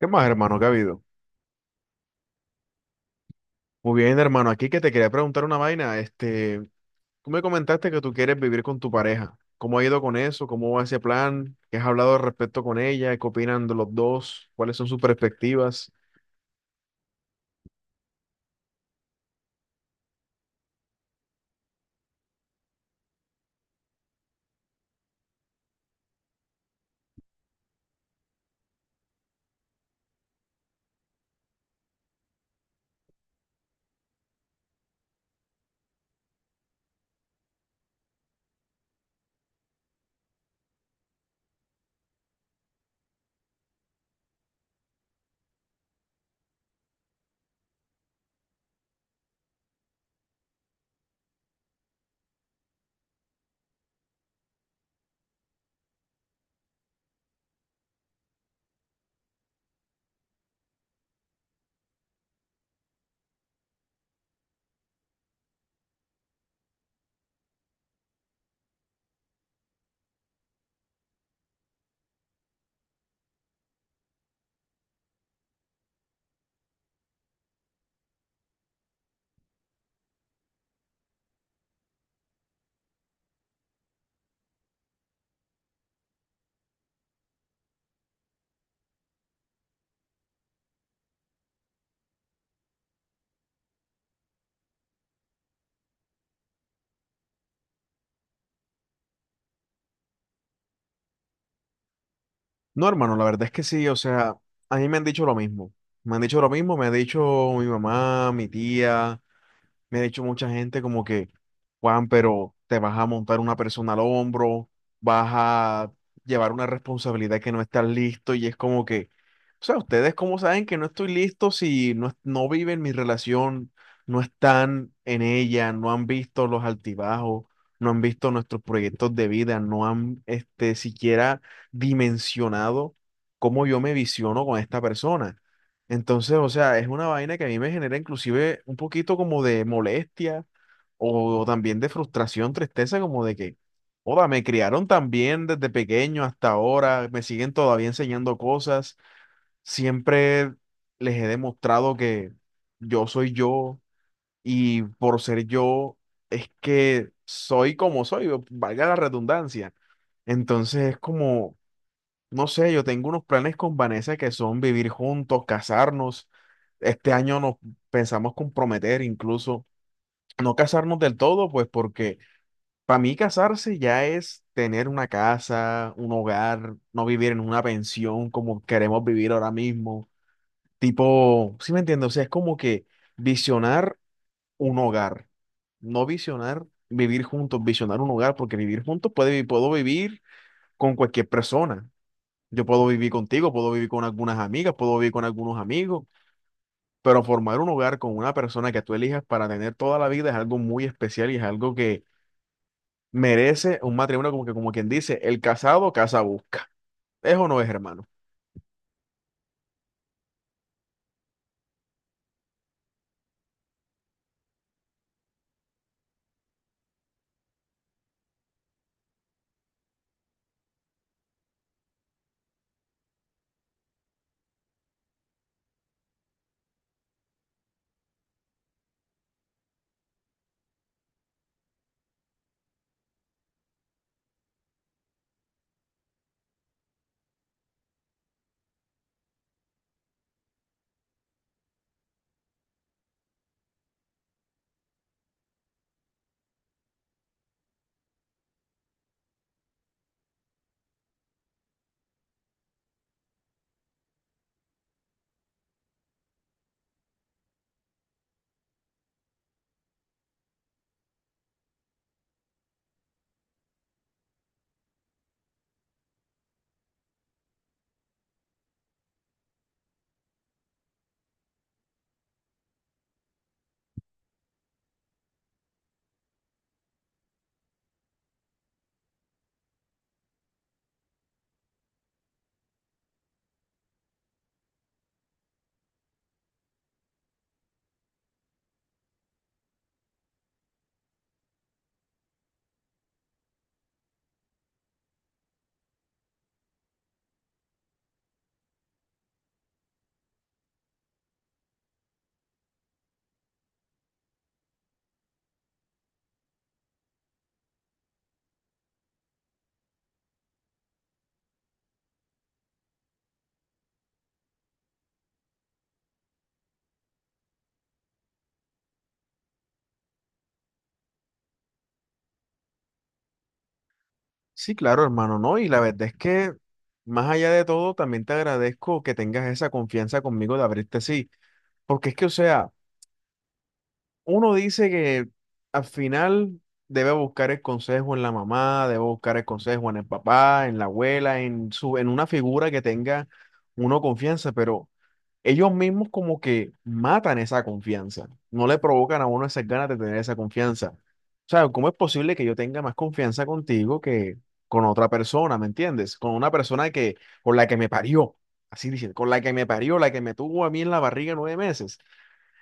¿Qué más, hermano? ¿Qué ha habido? Muy bien, hermano. Aquí que te quería preguntar una vaina. Este, tú me comentaste que tú quieres vivir con tu pareja. ¿Cómo ha ido con eso? ¿Cómo va ese plan? ¿Qué has hablado al respecto con ella? ¿Qué opinan de los dos? ¿Cuáles son sus perspectivas? No, hermano, la verdad es que sí. O sea, a mí me han dicho lo mismo. Me han dicho lo mismo. Me ha dicho mi mamá, mi tía. Me ha dicho mucha gente como que, Juan, pero te vas a montar una persona al hombro, vas a llevar una responsabilidad que no estás listo y es como que, o sea, ustedes cómo saben que no estoy listo si no, no viven mi relación, no están en ella, no han visto los altibajos, no han visto nuestros proyectos de vida, no han este, siquiera dimensionado cómo yo me visiono con esta persona. Entonces, o sea, es una vaina que a mí me genera inclusive un poquito como de molestia o también de frustración, tristeza, como de que, joda, me criaron tan bien desde pequeño hasta ahora, me siguen todavía enseñando cosas, siempre les he demostrado que yo soy yo y por ser yo es que soy como soy, valga la redundancia. Entonces es como, no sé, yo tengo unos planes con Vanessa que son vivir juntos, casarnos este año nos pensamos comprometer, incluso no casarnos del todo, pues porque para mí casarse ya es tener una casa, un hogar, no vivir en una pensión como queremos vivir ahora mismo. Tipo, ¿sí me entiendes? O sea, es como que visionar un hogar, no visionar vivir juntos, visionar un hogar, porque vivir juntos puede, puedo vivir con cualquier persona. Yo puedo vivir contigo, puedo vivir con algunas amigas, puedo vivir con algunos amigos, pero formar un hogar con una persona que tú elijas para tener toda la vida es algo muy especial y es algo que merece un matrimonio como que, como quien dice, el casado casa busca. ¿Eso no es, hermano? Sí, claro, hermano, no. Y la verdad es que, más allá de todo, también te agradezco que tengas esa confianza conmigo de abrirte así. Porque es que, o sea, uno dice que al final debe buscar el consejo en la mamá, debe buscar el consejo en el papá, en la abuela, en su, en una figura que tenga uno confianza, pero ellos mismos como que matan esa confianza, no le provocan a uno esas ganas de tener esa confianza. O sea, ¿cómo es posible que yo tenga más confianza contigo que con otra persona? ¿Me entiendes? Con una persona que, con la que me parió, así dicen, con la que me parió, la que me tuvo a mí en la barriga 9 meses.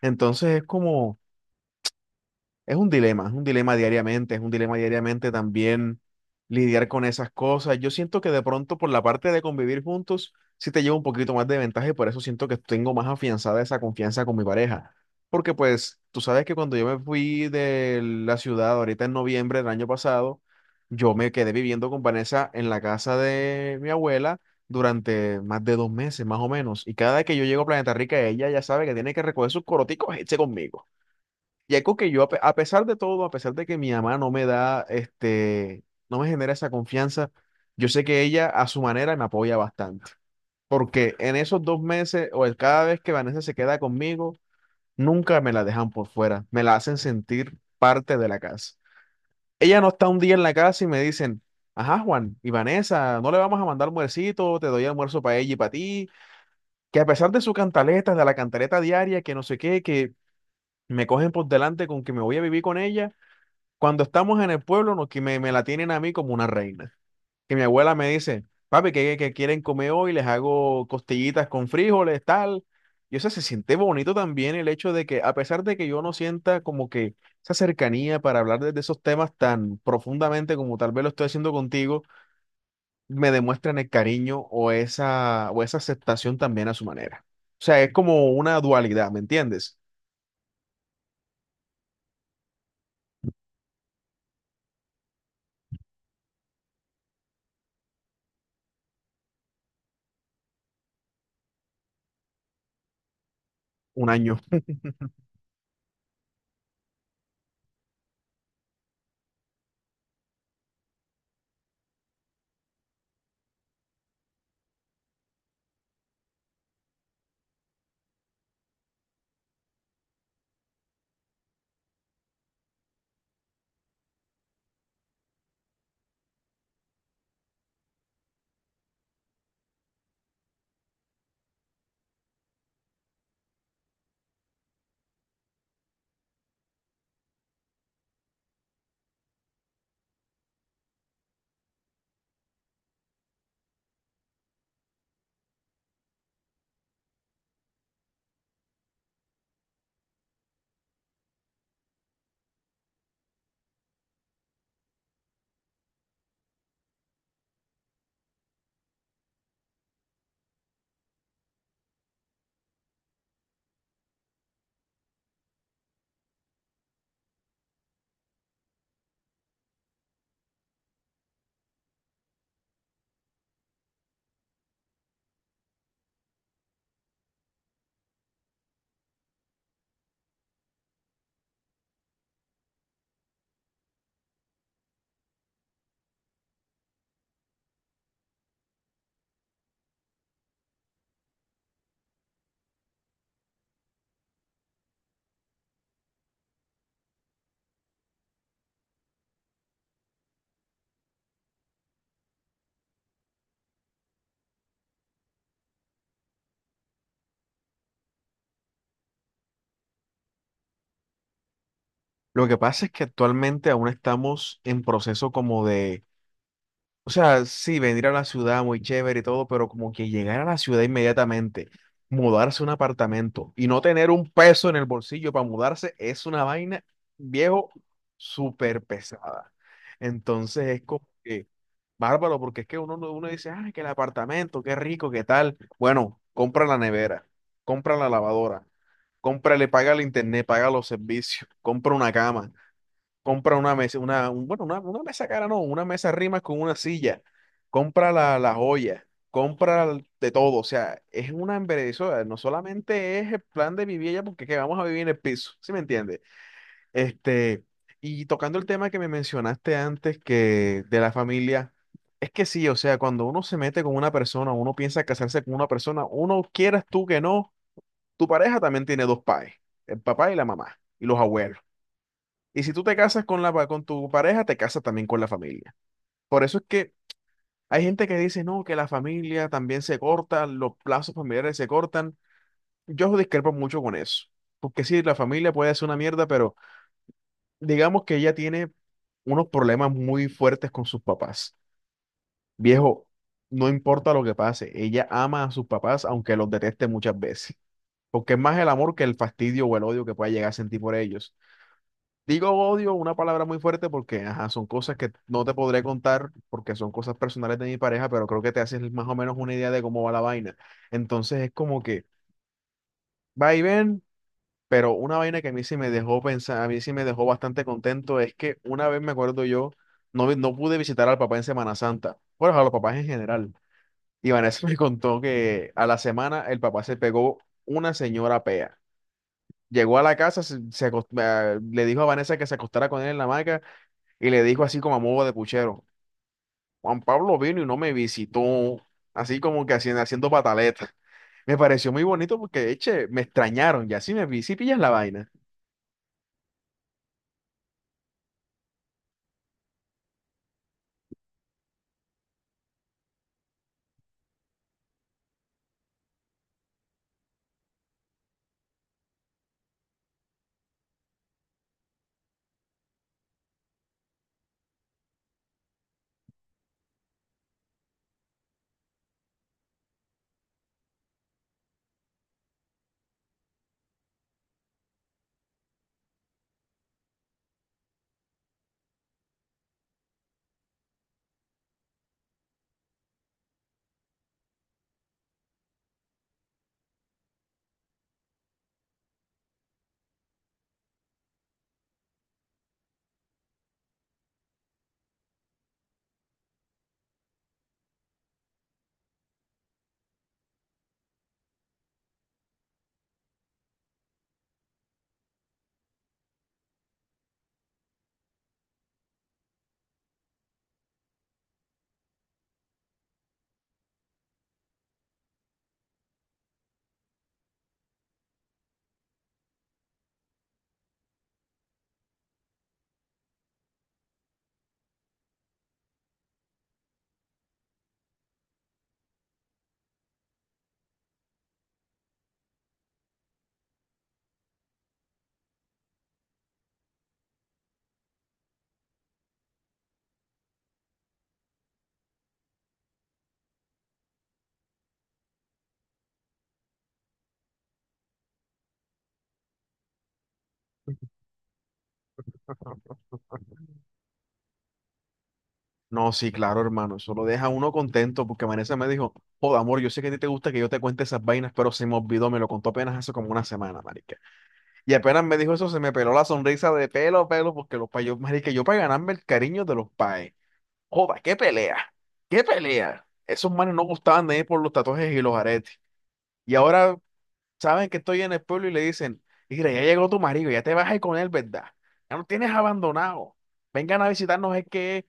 Entonces es como... es un dilema diariamente, es un dilema diariamente también lidiar con esas cosas. Yo siento que de pronto por la parte de convivir juntos, sí te llevo un poquito más de ventaja y por eso siento que tengo más afianzada esa confianza con mi pareja. Porque pues tú sabes que cuando yo me fui de la ciudad ahorita en noviembre del año pasado, yo me quedé viviendo con Vanessa en la casa de mi abuela durante más de 2 meses más o menos. Y cada vez que yo llego a Planeta Rica, ella ya sabe que tiene que recoger sus coroticos e irse conmigo. Y algo que yo, a pesar de todo, a pesar de que mi mamá no me da, este, no me genera esa confianza, yo sé que ella a su manera me apoya bastante. Porque en esos 2 meses o el cada vez que Vanessa se queda conmigo, nunca me la dejan por fuera, me la hacen sentir parte de la casa. Ella no está un día en la casa y me dicen, ajá, Juan, y Vanessa, no le vamos a mandar almuercito, te doy almuerzo para ella y para ti. Que a pesar de su cantaleta, de la cantaleta diaria, que no sé qué, que me cogen por delante con que me voy a vivir con ella. Cuando estamos en el pueblo, no, que me la tienen a mí como una reina. Que mi abuela me dice, papi, ¿qué quieren comer hoy? Les hago costillitas con frijoles, tal. Y o sea, se siente bonito también el hecho de que, a pesar de que yo no sienta como que esa cercanía para hablar de esos temas tan profundamente como tal vez lo estoy haciendo contigo, me demuestran el cariño o esa aceptación también a su manera. O sea, es como una dualidad, ¿me entiendes? Un año. Lo que pasa es que actualmente aún estamos en proceso como de... O sea, sí, venir a la ciudad muy chévere y todo, pero como que llegar a la ciudad inmediatamente, mudarse a un apartamento y no tener un peso en el bolsillo para mudarse es una vaina, viejo, súper pesada. Entonces es como que bárbaro, porque es que uno, uno dice, ah, que el apartamento, qué rico, qué tal. Bueno, compra la nevera, compra la lavadora, cómprale, paga el internet, paga los servicios, compra una cama, compra una mesa, una, bueno, una mesa cara, no, una mesa rimas con una silla, compra la joya, compra de todo, o sea, es una embellecedora, no solamente es el plan de vivir allá porque que vamos a vivir en el piso, ¿sí me entiendes? Este, y tocando el tema que me mencionaste antes, que de la familia, es que sí, o sea, cuando uno se mete con una persona, uno piensa casarse con una persona, uno quieras tú que no, tu pareja también tiene dos padres, el papá y la mamá, y los abuelos. Y si tú te casas con con tu pareja, te casas también con la familia. Por eso es que hay gente que dice, no, que la familia también se corta, los plazos familiares se cortan. Yo discrepo mucho con eso. Porque sí, la familia puede ser una mierda, pero digamos que ella tiene unos problemas muy fuertes con sus papás. Viejo, no importa lo que pase, ella ama a sus papás, aunque los deteste muchas veces. Porque es más el amor que el fastidio o el odio que pueda llegar a sentir por ellos. Digo odio, una palabra muy fuerte porque ajá, son cosas que no te podré contar porque son cosas personales de mi pareja, pero creo que te haces más o menos una idea de cómo va la vaina. Entonces es como que va y ven, pero una vaina que a mí sí me dejó pensar, a mí sí me dejó bastante contento es que una vez me acuerdo yo, no, no pude visitar al papá en Semana Santa, bueno, a los papás en general. Y Vanessa me contó que a la semana el papá se pegó una señora pea. Llegó a la casa, le dijo a Vanessa que se acostara con él en la hamaca, y le dijo así como a modo de puchero, Juan Pablo vino y no me visitó, así como que haciendo, haciendo pataleta. Me pareció muy bonito porque, eche, me extrañaron, ya si me vi, si pillas la vaina. No, sí, claro, hermano, eso lo deja a uno contento porque Vanessa me dijo, joda, amor, yo sé que a ti te gusta que yo te cuente esas vainas, pero se me olvidó, me lo contó apenas hace como una semana, marica. Y apenas me dijo eso, se me peló la sonrisa de pelo a pelo porque los payos, marica, yo para ganarme el cariño de los paes. Joda, qué pelea, qué pelea. Esos manes no gustaban de ir por los tatuajes y los aretes. Y ahora saben que estoy en el pueblo y le dicen, mira, ya llegó tu marido, ya te vas a ir con él, ¿verdad? Ya no tienes abandonado. Vengan a visitarnos, es que... es.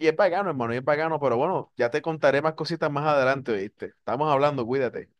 Y es pagano, hermano, y es pagano, pero bueno, ya te contaré más cositas más adelante, ¿oíste? Estamos hablando, cuídate.